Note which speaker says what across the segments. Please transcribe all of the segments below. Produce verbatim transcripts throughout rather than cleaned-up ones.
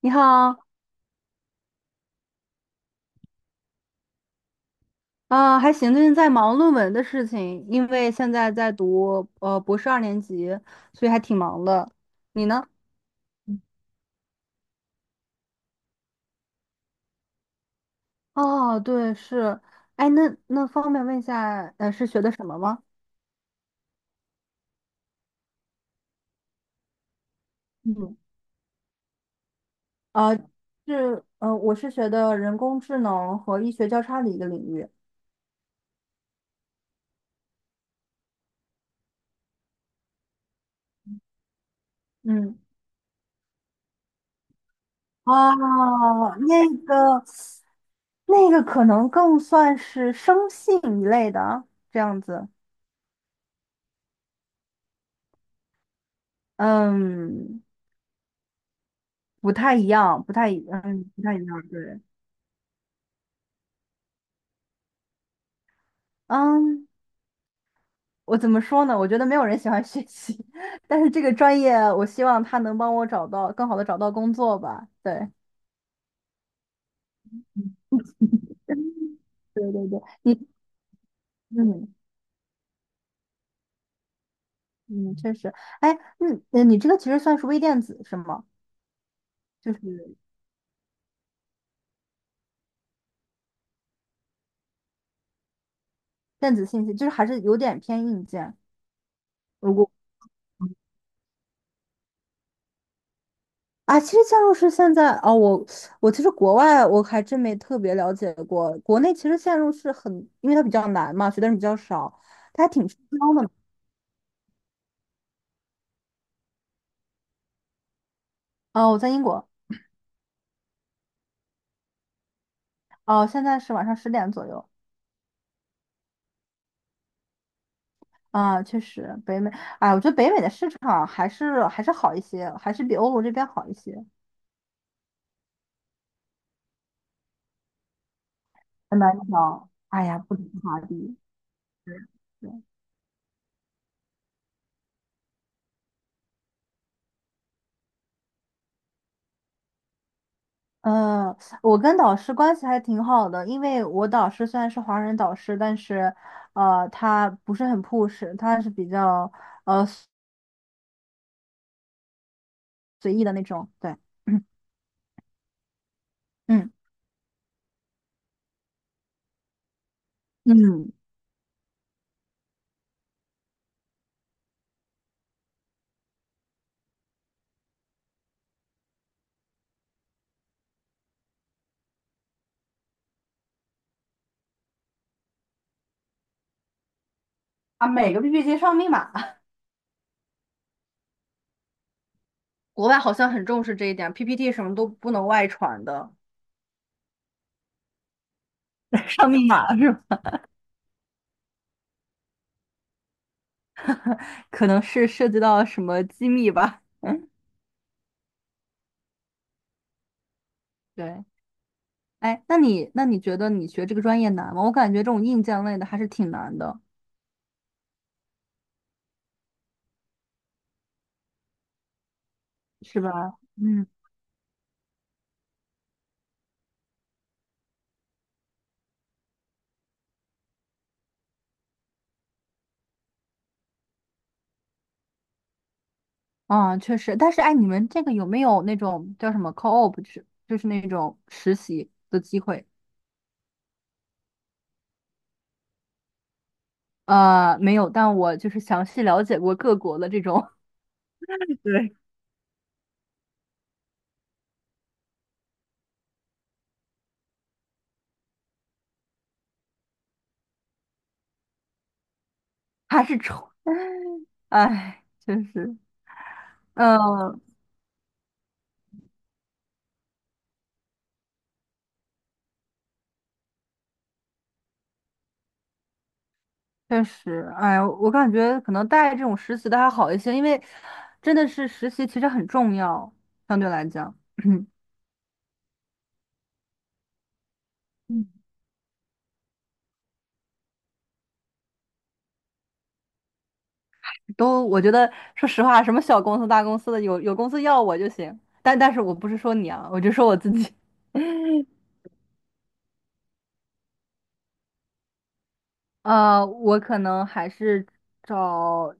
Speaker 1: 你好，啊、还行，最近在忙论文的事情，因为现在在读呃博士二年级，所以还挺忙的。你呢？哦，对，是，哎，那那方便问一下，呃，是学的什么吗？嗯，啊，是，呃，我是学的人工智能和医学交叉的一个领域。嗯，哦，那个，那个可能更算是生信一类的这样子。嗯。不太一样，不太一，嗯，不太一样，对，嗯，我怎么说呢？我觉得没有人喜欢学习，但是这个专业，我希望他能帮我找到更好的找到工作吧。对，对对对，你，嗯嗯，确实，哎，嗯，呃你这个其实算是微电子是吗？就是电子信息，就是还是有点偏硬件。如果。啊，其实嵌入式现在哦，我我其实国外我还真没特别了解过，国内其实嵌入式很，因为它比较难嘛，学的人比较少，它还挺吃香的嘛。哦，我在英国，哦，现在是晚上十点左右啊，确实北美，哎，我觉得北美的市场还是还是好一些，还是比欧洲这边好一些。很难找，哎呀，不止华币。呃，我跟导师关系还挺好的，因为我导师虽然是华人导师，但是，呃，他不是很 push，他是比较随意的那种。对，嗯嗯嗯，啊，每个 P P T 上密码，国外好像很重视这一点，P P T 什么都不能外传的。上密码是吧？可能是涉及到什么机密吧。嗯，对。哎，那你那你觉得你学这个专业难吗？我感觉这种硬件类的还是挺难的，是吧？嗯，确实，但是哎，你们这个有没有那种叫什么 co-op，就是就是那种实习的机会？呃，没有，但我就是详细了解过各国的这种，对，还是愁，哎，确实，嗯，确实，哎，我感觉可能带这种实习的还好一些，因为真的是实习其实很重要，相对来讲，嗯，都我觉得说实话，什么小公司大公司的，有有公司要我就行，但但是我不是说你啊，我就说我自己。呃，我可能还是找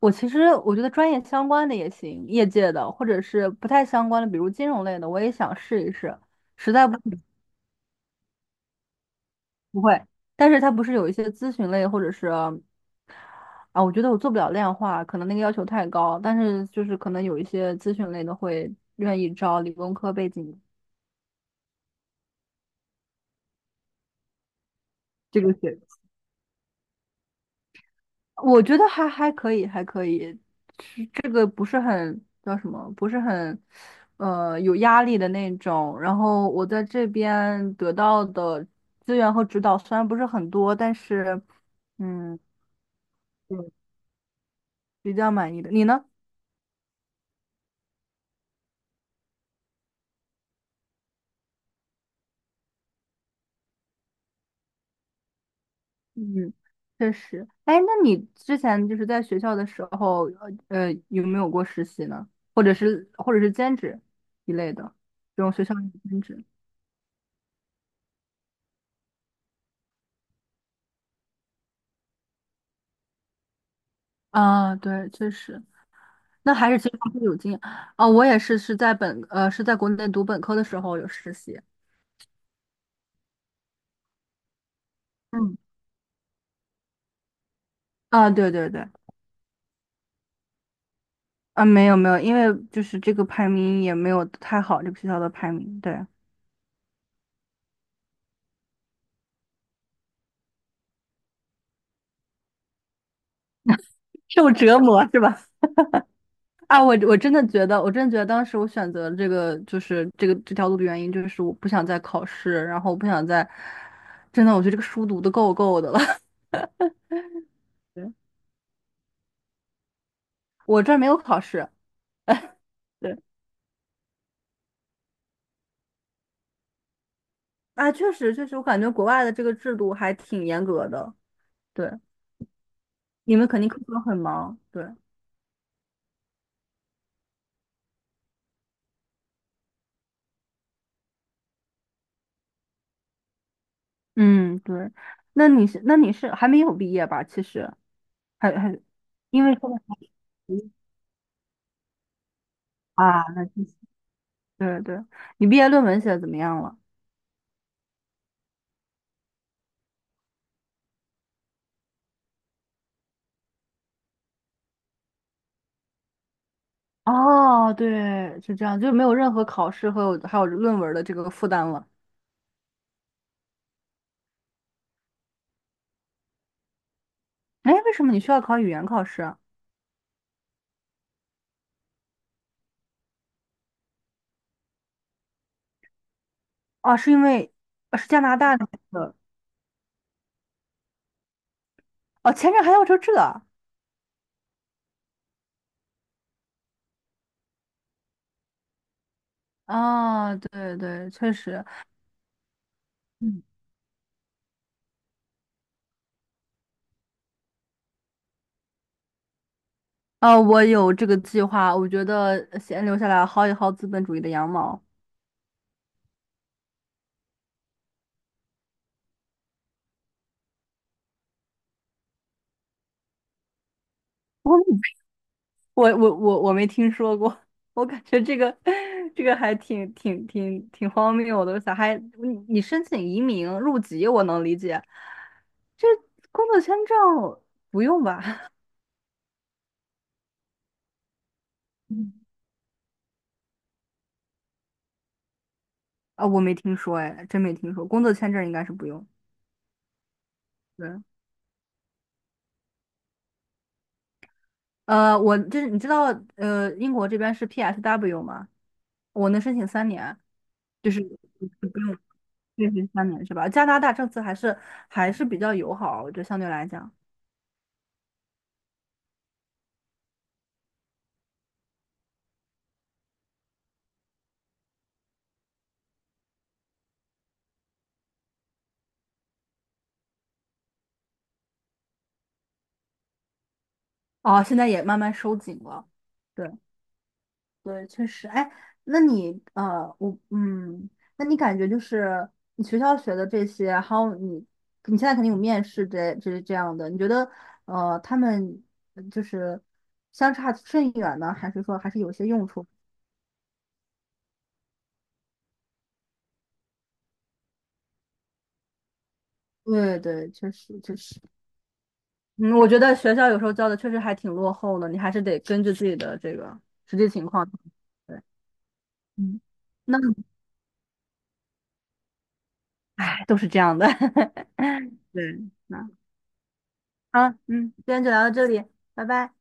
Speaker 1: 我，其实我觉得专业相关的也行，业界的，或者是不太相关的，比如金融类的，我也想试一试。实在不行 不会，但是它不是有一些咨询类，或者是啊，我觉得我做不了量化，可能那个要求太高。但是就是可能有一些咨询类的会愿意招理工科背景这个学。我觉得还还可以，还可以，是这个不是很叫什么，不是很，呃，有压力的那种。然后我在这边得到的资源和指导虽然不是很多，但是，嗯，我比较满意的。你呢？嗯，确实。哎，那你之前就是在学校的时候，呃，呃，有没有过实习呢？或者是或者是兼职一类的这种学校里的兼职？啊，对，确实。那还是其实还是有经验啊，我也是是在本呃是在国内读本科的时候有实习。嗯，啊，对对对，啊，没有没有，因为就是这个排名也没有太好，这个学校的排名，对，受折磨是吧？啊，我我真的觉得，我真的觉得当时我选择这个就是这个这条路的原因，就是我不想再考试，然后我不想再，真的，我觉得这个书读的够够的了。对，我这儿没有考试。对，啊，确实确实，我感觉国外的这个制度还挺严格的。对，你们肯定工作很忙，对，嗯，对。那你是那你是还没有毕业吧？其实还还因为现在还十一啊，那就是对对，你毕业论文写的怎么样了？哦，对，是这样，就没有任何考试和有还有论文的这个负担了。哎，为什么你需要考语言考试啊？哦，是因为呃是加拿大的那个哦，前面还要求这啊，对对，确实。呃，我有这个计划，我觉得先留下来薅一薅资本主义的羊毛。我我我我我没听说过，我感觉这个 这个还挺挺挺挺荒谬的。咋还你你申请移民入籍，我能理解，这工作签证不用吧？嗯啊，我没听说，哎，真没听说，工作签证应该是不用。对，呃，我这你知道，呃，英国这边是 P S W 吗？我能申请三年，就是。不用。对对，三年是吧？加拿大政策还是还是比较友好，我觉得相对来讲，哦，现在也慢慢收紧了。对对，确实。哎，那你呃，我嗯，那你感觉就是你学校学的这些，还有你你现在肯定有面试这这这样的，你觉得呃，他们就是相差甚远呢，还是说还是有些用处？对对，确实确实。嗯，我觉得学校有时候教的确实还挺落后的，你还是得根据自己的这个实际情况。对，嗯，那哎，都是这样的。对，那好，嗯，今天就聊到这里，拜拜。